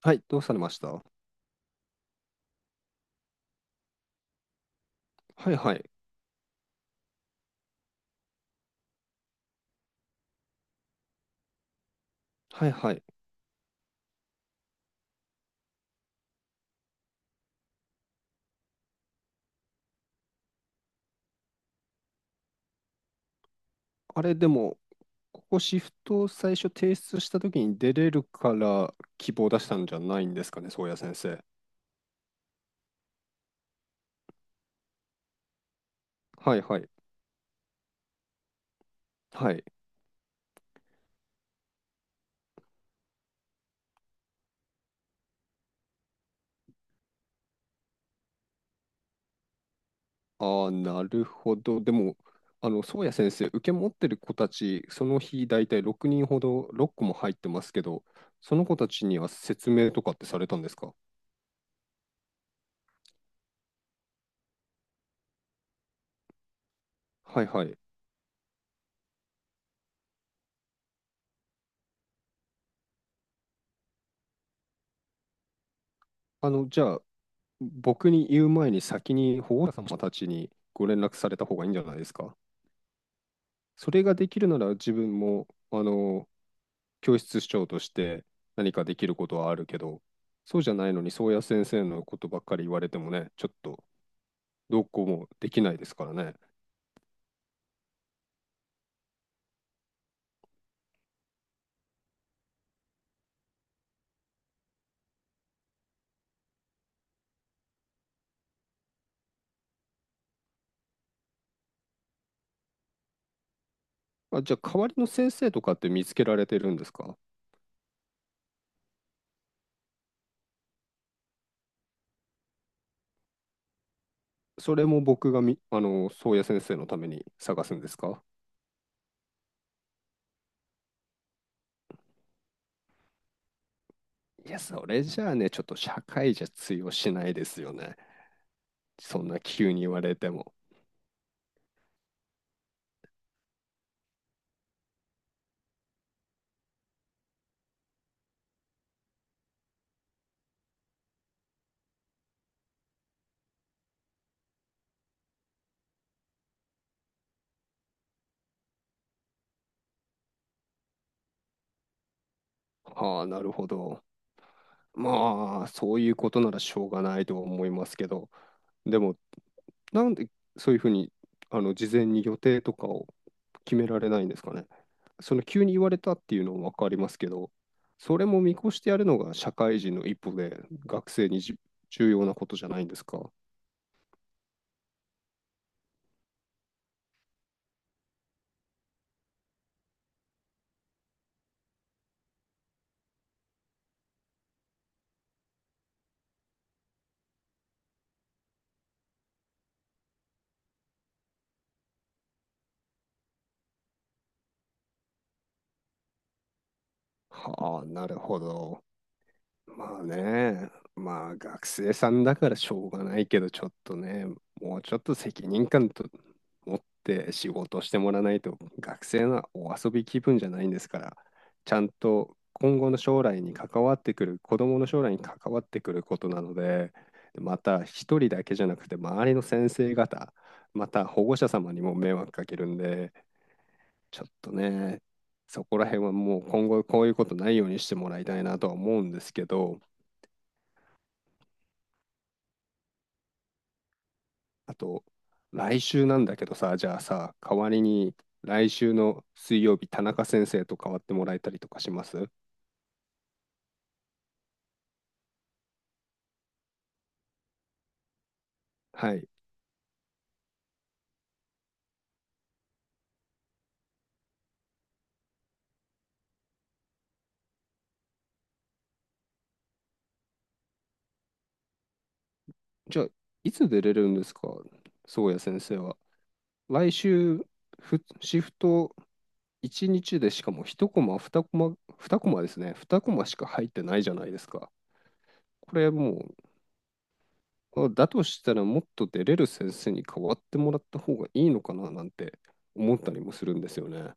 はい、どうされました。はいはい。はいはい。あれ、でも、ここシフトを最初提出した時に出れるから希望出したんじゃないんですかね、宗谷先生。はいはい。はい。ああ、なるほど。でも、宗谷先生、受け持ってる子たち、その日大体6人ほど、6個も入ってますけど、その子たちには説明とかってされたんですか？はいはい。じゃあ、僕に言う前に先に保護者様たちにご連絡された方がいいんじゃないですか？それができるなら自分も、教室長として何かできることはあるけど、そうじゃないのに、宗谷先生のことばっかり言われてもね、ちょっとどうこうもできないですからね。あ、じゃあ、代わりの先生とかって見つけられてるんですか？それも僕がみ、あの、宗谷先生のために探すんですか？いや、それじゃあね、ちょっと社会じゃ通用しないですよね。そんな急に言われても。ああ、なるほど。まあ、そういうことならしょうがないとは思いますけど、でも、なんでそういうふうに、事前に予定とかを決められないんですかね。その急に言われたっていうのもわかりますけど、それも見越してやるのが社会人の一歩で、学生に重要なことじゃないんですか。はあ、なるほど。まあね、まあ学生さんだからしょうがないけど、ちょっとね、もうちょっと責任感と持って仕事してもらわないと、学生のお遊び気分じゃないんですから、ちゃんと今後の将来に関わってくる、子供の将来に関わってくることなので、また一人だけじゃなくて、周りの先生方、また保護者様にも迷惑かけるんで、ちょっとね、そこら辺はもう今後こういうことないようにしてもらいたいなとは思うんですけど、あと、来週なんだけどさ、じゃあさ、代わりに来週の水曜日、田中先生と代わってもらえたりとかします？はい。じゃあ、いつ出れるんですか、宗谷先生は？来週、シフト1日でしかも1コマ、2コマ、2コマですね。2コマしか入ってないじゃないですか。これもだとしたらもっと出れる先生に代わってもらった方がいいのかななんて思ったりもするんですよね。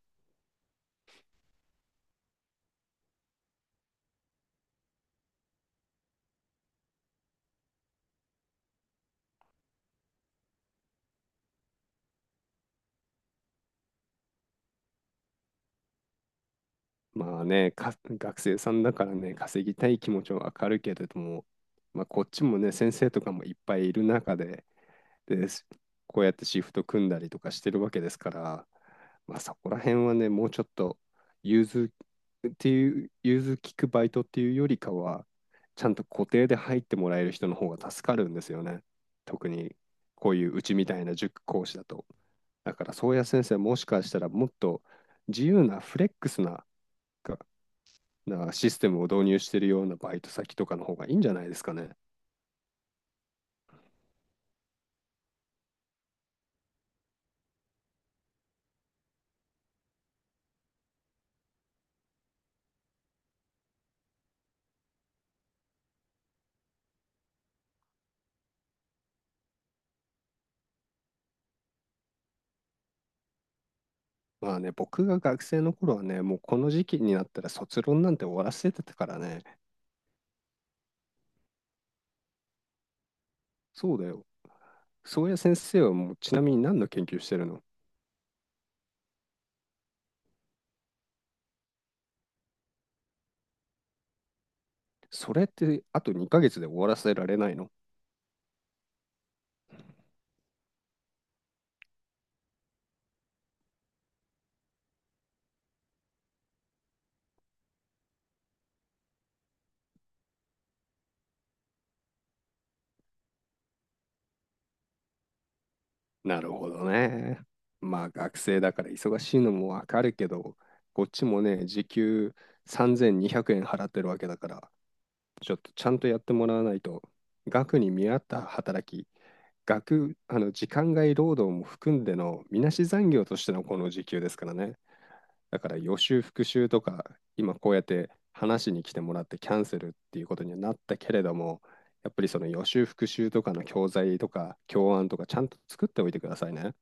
まあね、学生さんだからね、稼ぎたい気持ちはわかるけれども、まあ、こっちもね、先生とかもいっぱいいる中で、で、こうやってシフト組んだりとかしてるわけですから、まあ、そこら辺はね、もうちょっと融通融通聞くバイトっていうよりかは、ちゃんと固定で入ってもらえる人の方が助かるんですよね。特にこういううちみたいな塾講師だと。だから、宗谷先生、もしかしたらもっと自由なフレックスなシステムを導入してるようなバイト先とかの方がいいんじゃないですかね。まあね、僕が学生の頃はね、もうこの時期になったら卒論なんて終わらせてたからね。そうだよ。そうや先生はもうちなみに何の研究してるの？それってあと2ヶ月で終わらせられないの？なるほどね。まあ学生だから忙しいのもわかるけど、こっちもね、時給3200円払ってるわけだから、ちょっとちゃんとやってもらわないと、額に見合った働き、額、時間外労働も含んでのみなし残業としてのこの時給ですからね。だから予習復習とか、今こうやって話しに来てもらってキャンセルっていうことにはなったけれども、やっぱりその予習復習とかの教材とか教案とかちゃんと作っておいてくださいね。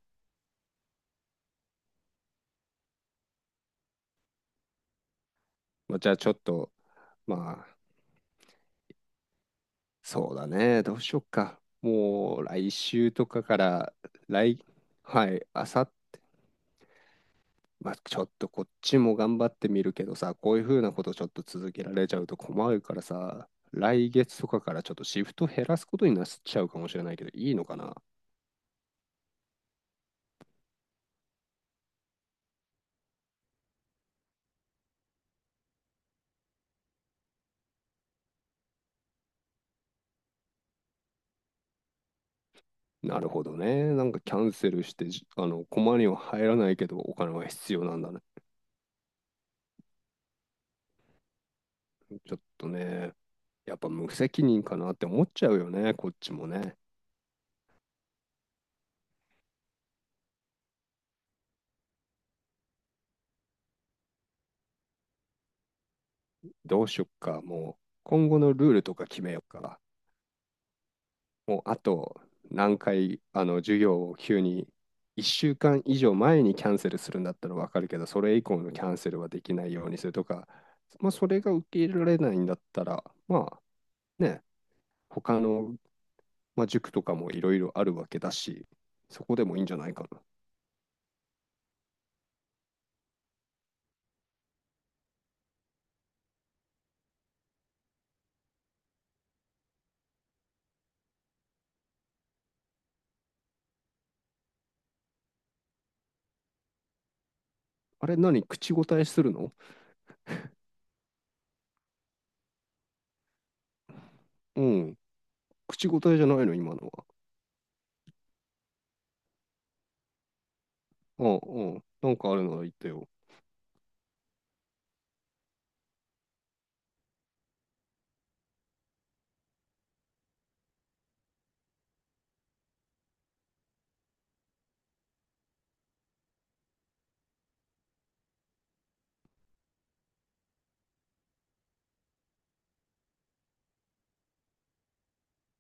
まあ、じゃあちょっと、まあ、そうだね、どうしよっか。もう来週とかから、来、はい、あさっまあ、ちょっとこっちも頑張ってみるけどさ、こういう風なことちょっと続けられちゃうと困るからさ、来月とかからちょっとシフト減らすことになっちゃうかもしれないけど、いいのかな？なるほどね。なんかキャンセルして、じあの、駒には入らないけど、お金は必要なんだね。ちょっとね、やっぱ無責任かなって思っちゃうよね、こっちもね。どうしよっか、もう。今後のルールとか決めよっか。もうあと何回、授業を急に1週間以上前にキャンセルするんだったらわかるけど、それ以降のキャンセルはできないようにするとか、まあ、それが受け入れられないんだったら、まあね、他の、まあ、塾とかもいろいろあるわけだし、そこでもいいんじゃないかな。あれ、何、口答えするの？うん、口答えじゃないの、今のは。うんうん、なんかあるなら言ってよ。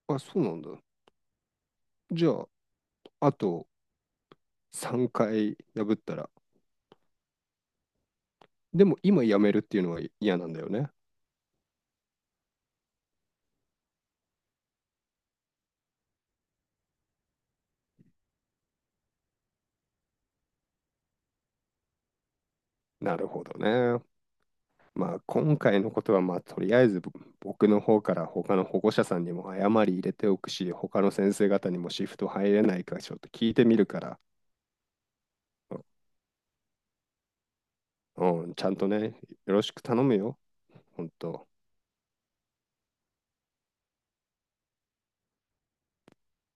あ、そうなんだ。じゃあ、あと3回破ったら、でも今辞めるっていうのは嫌なんだよね。なるほどね。まあ今回のことはまあとりあえず僕の方から他の保護者さんにも謝り入れておくし、他の先生方にもシフト入れないかちょっと聞いてみるから、うん、うん、ちゃんとね、よろしく頼むよ。本当。